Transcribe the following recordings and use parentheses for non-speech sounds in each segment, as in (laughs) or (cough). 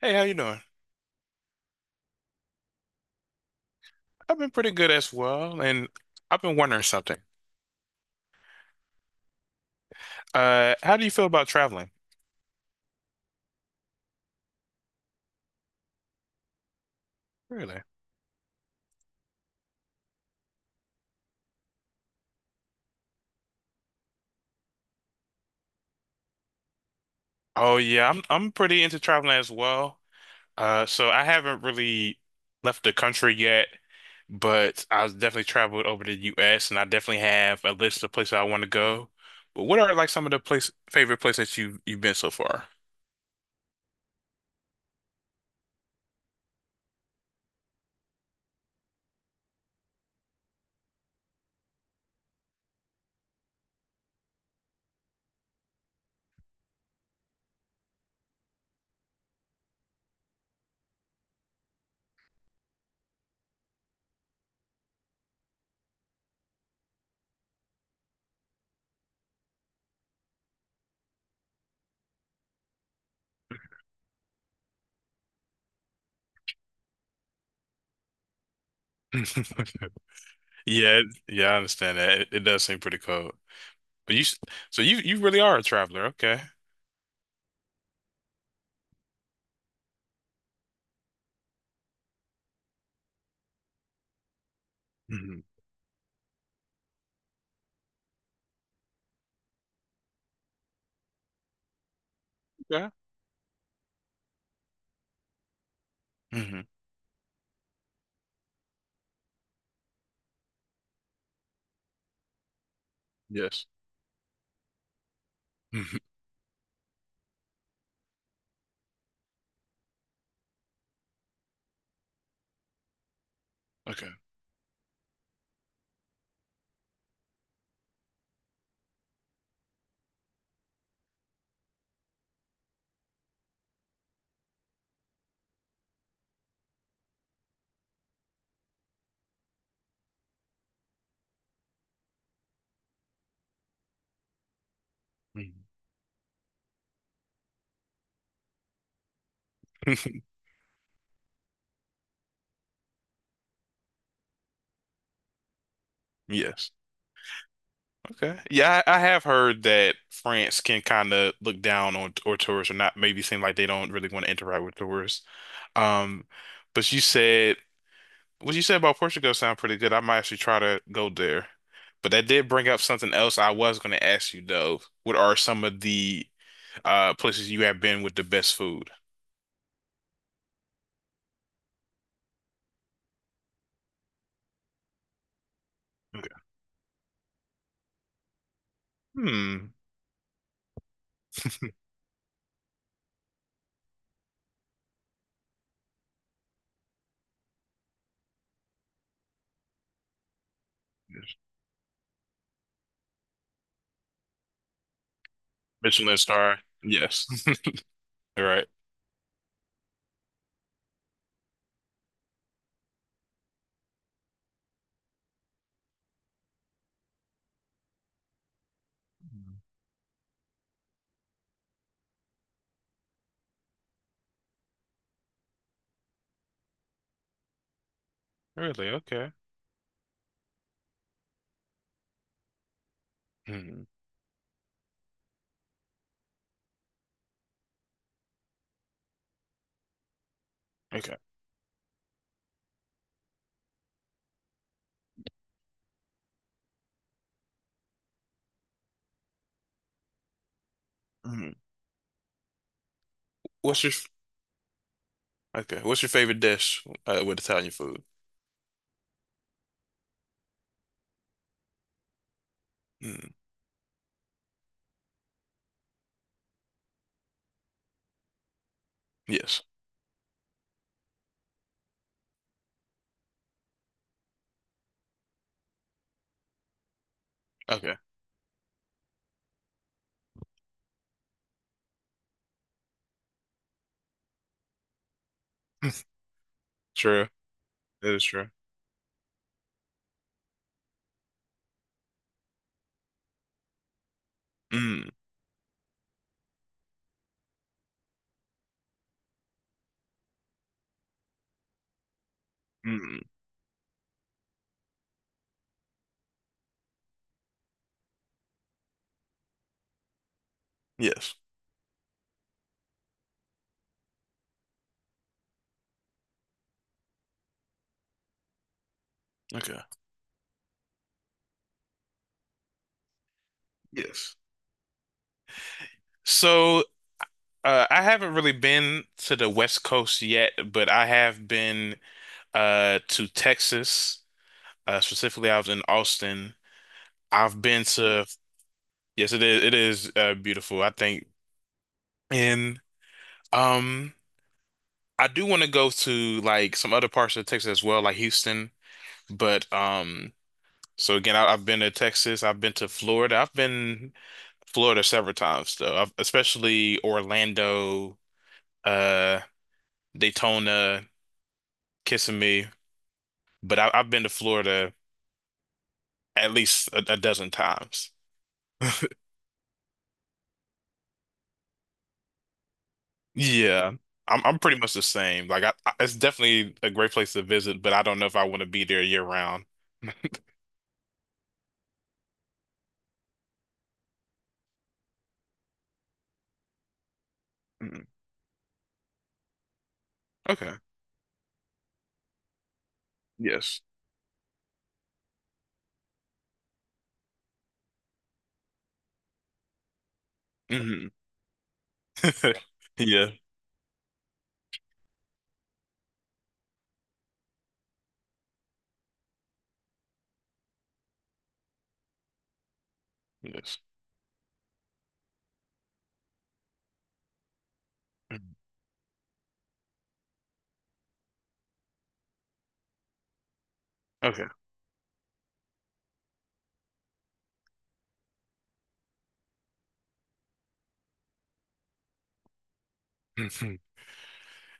Hey, how you doing? I've been pretty good as well, and I've been wondering something. How do you feel about traveling? Really? Oh yeah, I'm pretty into traveling as well. So I haven't really left the country yet, but I've definitely traveled over the U.S. and I definitely have a list of places I want to go. But what are like some of the place favorite places that you've been so far? (laughs) Yeah, I understand that. It does seem pretty cold. But you, s- so you really are a traveler, okay? Hmm. Yeah. Mhm. Yes. Mhm. Okay. Mhm. (laughs) Yes. Okay. Yeah, I have heard that France can kind of look down on or tourists, or not maybe seem like they don't really want to interact with tourists. Um, but you said what you said about Portugal sound pretty good. I might actually try to go there. But that did bring up something else I was going to ask you though. What are some of the places you have been with the best food? Okay. Hmm. (laughs) Michelin star. Yes. (laughs) All right. Mm. Really? Okay. Okay. Mhm. What's your okay? What's your favorite dish with Italian food? Mm. Yes. Okay. (laughs) True. That is true. Mm. Mm. Yes. Okay. Yes. So I haven't really been to the West Coast yet, but I have been to Texas. Specifically, I was in Austin. I've been to yes, it is. It is beautiful. I think and um. I do want to go to like some other parts of Texas as well, like Houston. But so again, I, I've been to Texas, I've been to Florida, I've been Florida several times though, I've, especially Orlando, uh, Daytona, Kissimmee. But I've been to Florida at least a dozen times. Yeah, I'm pretty much the same. Like it's definitely a great place to visit, but I don't know if I want to be there year round. (laughs) Mm, okay. Yes. Hmm. (laughs) Yeah. Yes. Mm, okay. (laughs)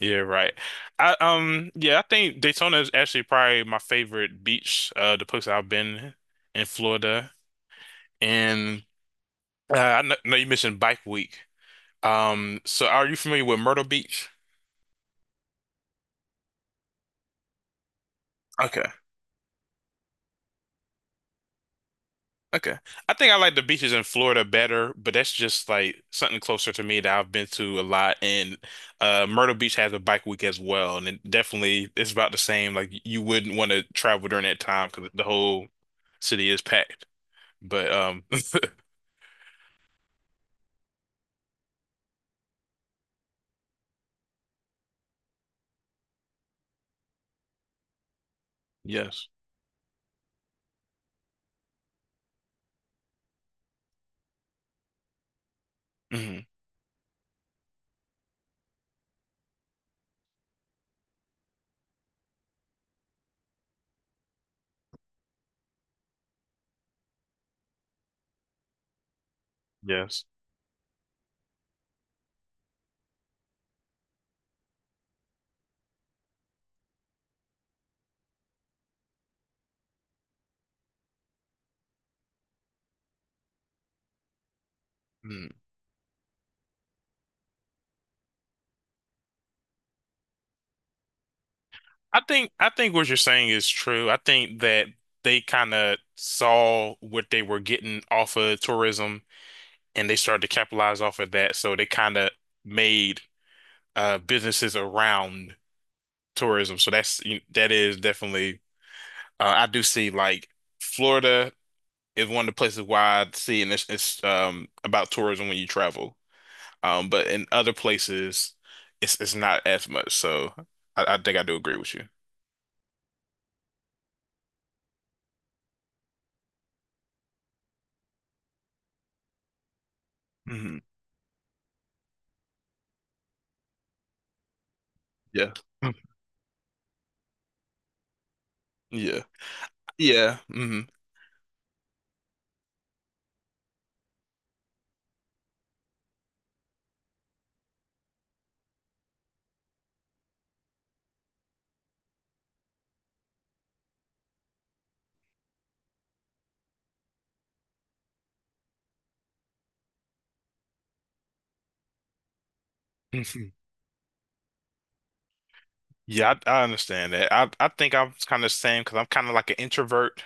Yeah, right. I yeah, I think Daytona is actually probably my favorite beach, the place I've been in Florida. And I know you mentioned Bike Week. So are you familiar with Myrtle Beach? Okay. Okay. I think I like the beaches in Florida better, but that's just like something closer to me that I've been to a lot. And Myrtle Beach has a bike week as well, and it definitely it's about the same. Like you wouldn't want to travel during that time because the whole city is packed. But (laughs) yes. Hmm. Yes. Mm. I think what you're saying is true. I think that they kind of saw what they were getting off of tourism and they started to capitalize off of that. So they kind of made businesses around tourism. So that's that is definitely I do see like Florida is one of the places where I see and it's about tourism when you travel. But in other places, it's not as much. So I think I do agree with you. Mhm. Yeah. Mm. Yeah. Yeah. Hmm. (laughs) Yeah, I understand that. I think I'm kind of the same because I'm kind of like an introvert,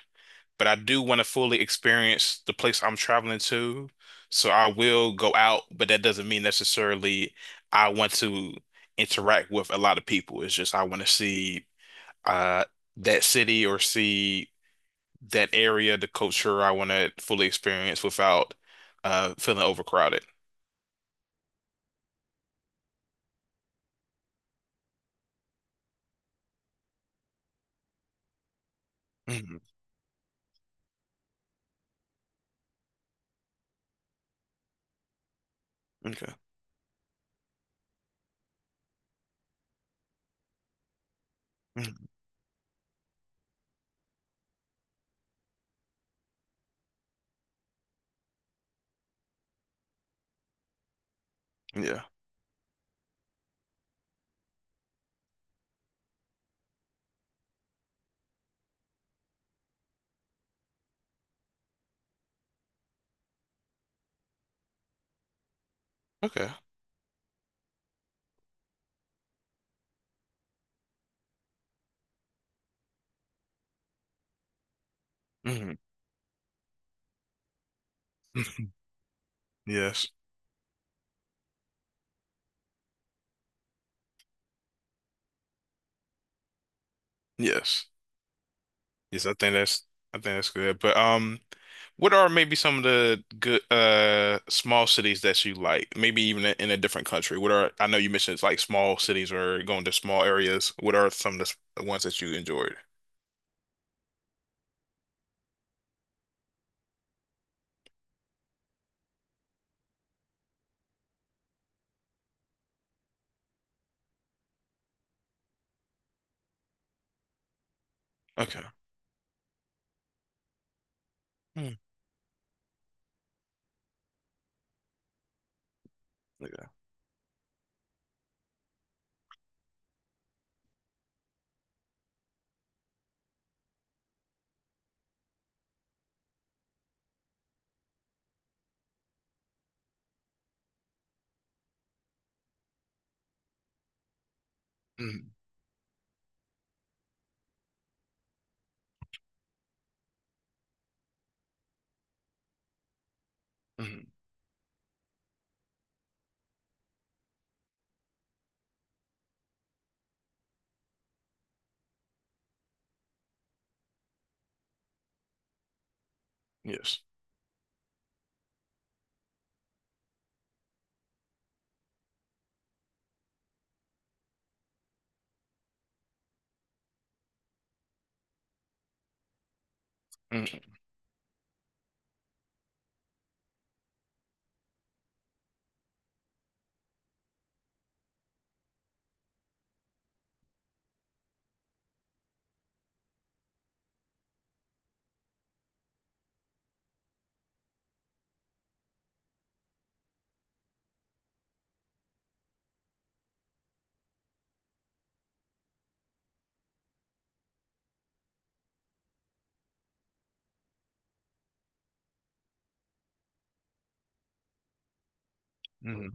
but I do want to fully experience the place I'm traveling to. So I will go out, but that doesn't mean necessarily I want to interact with a lot of people. It's just I want to see uh that city or see that area, the culture I want to fully experience without feeling overcrowded. Mhm. Okay. Mhm. Yeah. Okay. Mhm. (laughs) Yes. Yes. Yes, I think that's good. But what are maybe some of the good small cities that you like? Maybe even in a different country. What are I know you mentioned it's like small cities or going to small areas. What are some of the the ones that you enjoyed? Okay. Mm, yeah. Mm, mm, yes. Mm, mm,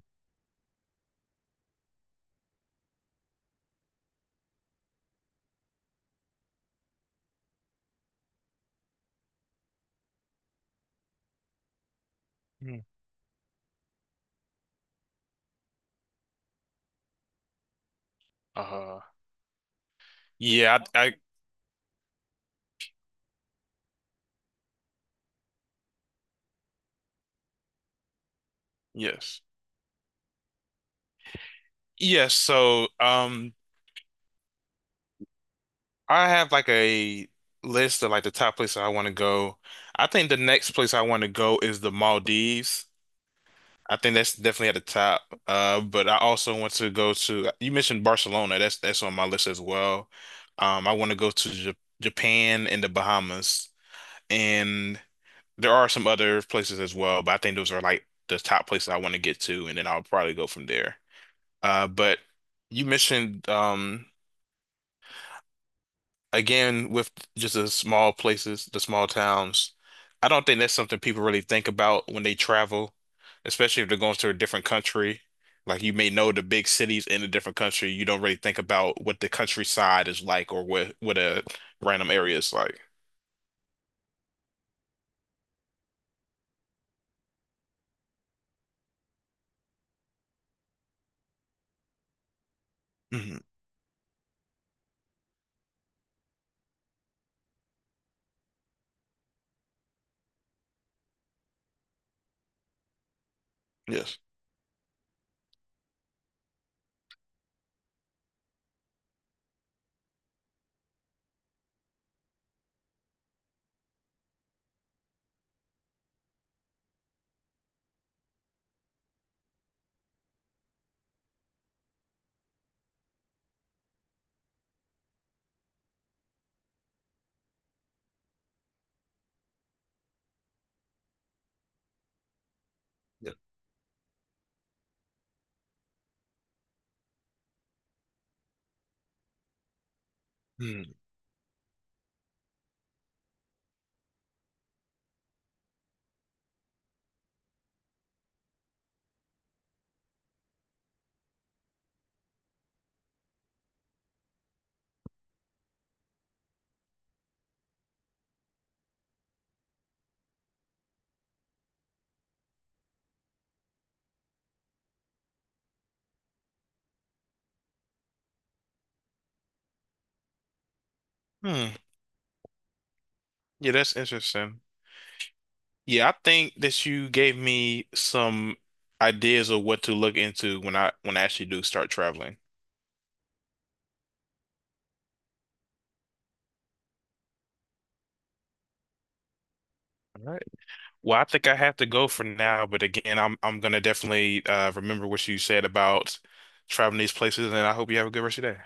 mm. Uh, yeah, I yes. Yes, so I have like a list of like the top places I want to go. I think the next place I want to go is the Maldives. I think that's definitely at the top. But I also want to go to, you mentioned Barcelona. That's on my list as well. I want to go to J Japan and the Bahamas. And there are some other places as well, but I think those are like the top places I want to get to, and then I'll probably go from there. But you mentioned again with just the small places, the small towns, I don't think that's something people really think about when they travel, especially if they're going to a different country. Like you may know the big cities in a different country, you don't really think about what the countryside is like or what a random area is like. Hmm. Yes. Yeah. Hmm. Hmm. Yeah, that's interesting. Yeah, I think that you gave me some ideas of what to look into when I actually do start traveling. All right. Well, I think I have to go for now, but again, I'm gonna definitely remember what you said about traveling these places, and I hope you have a good rest of your day.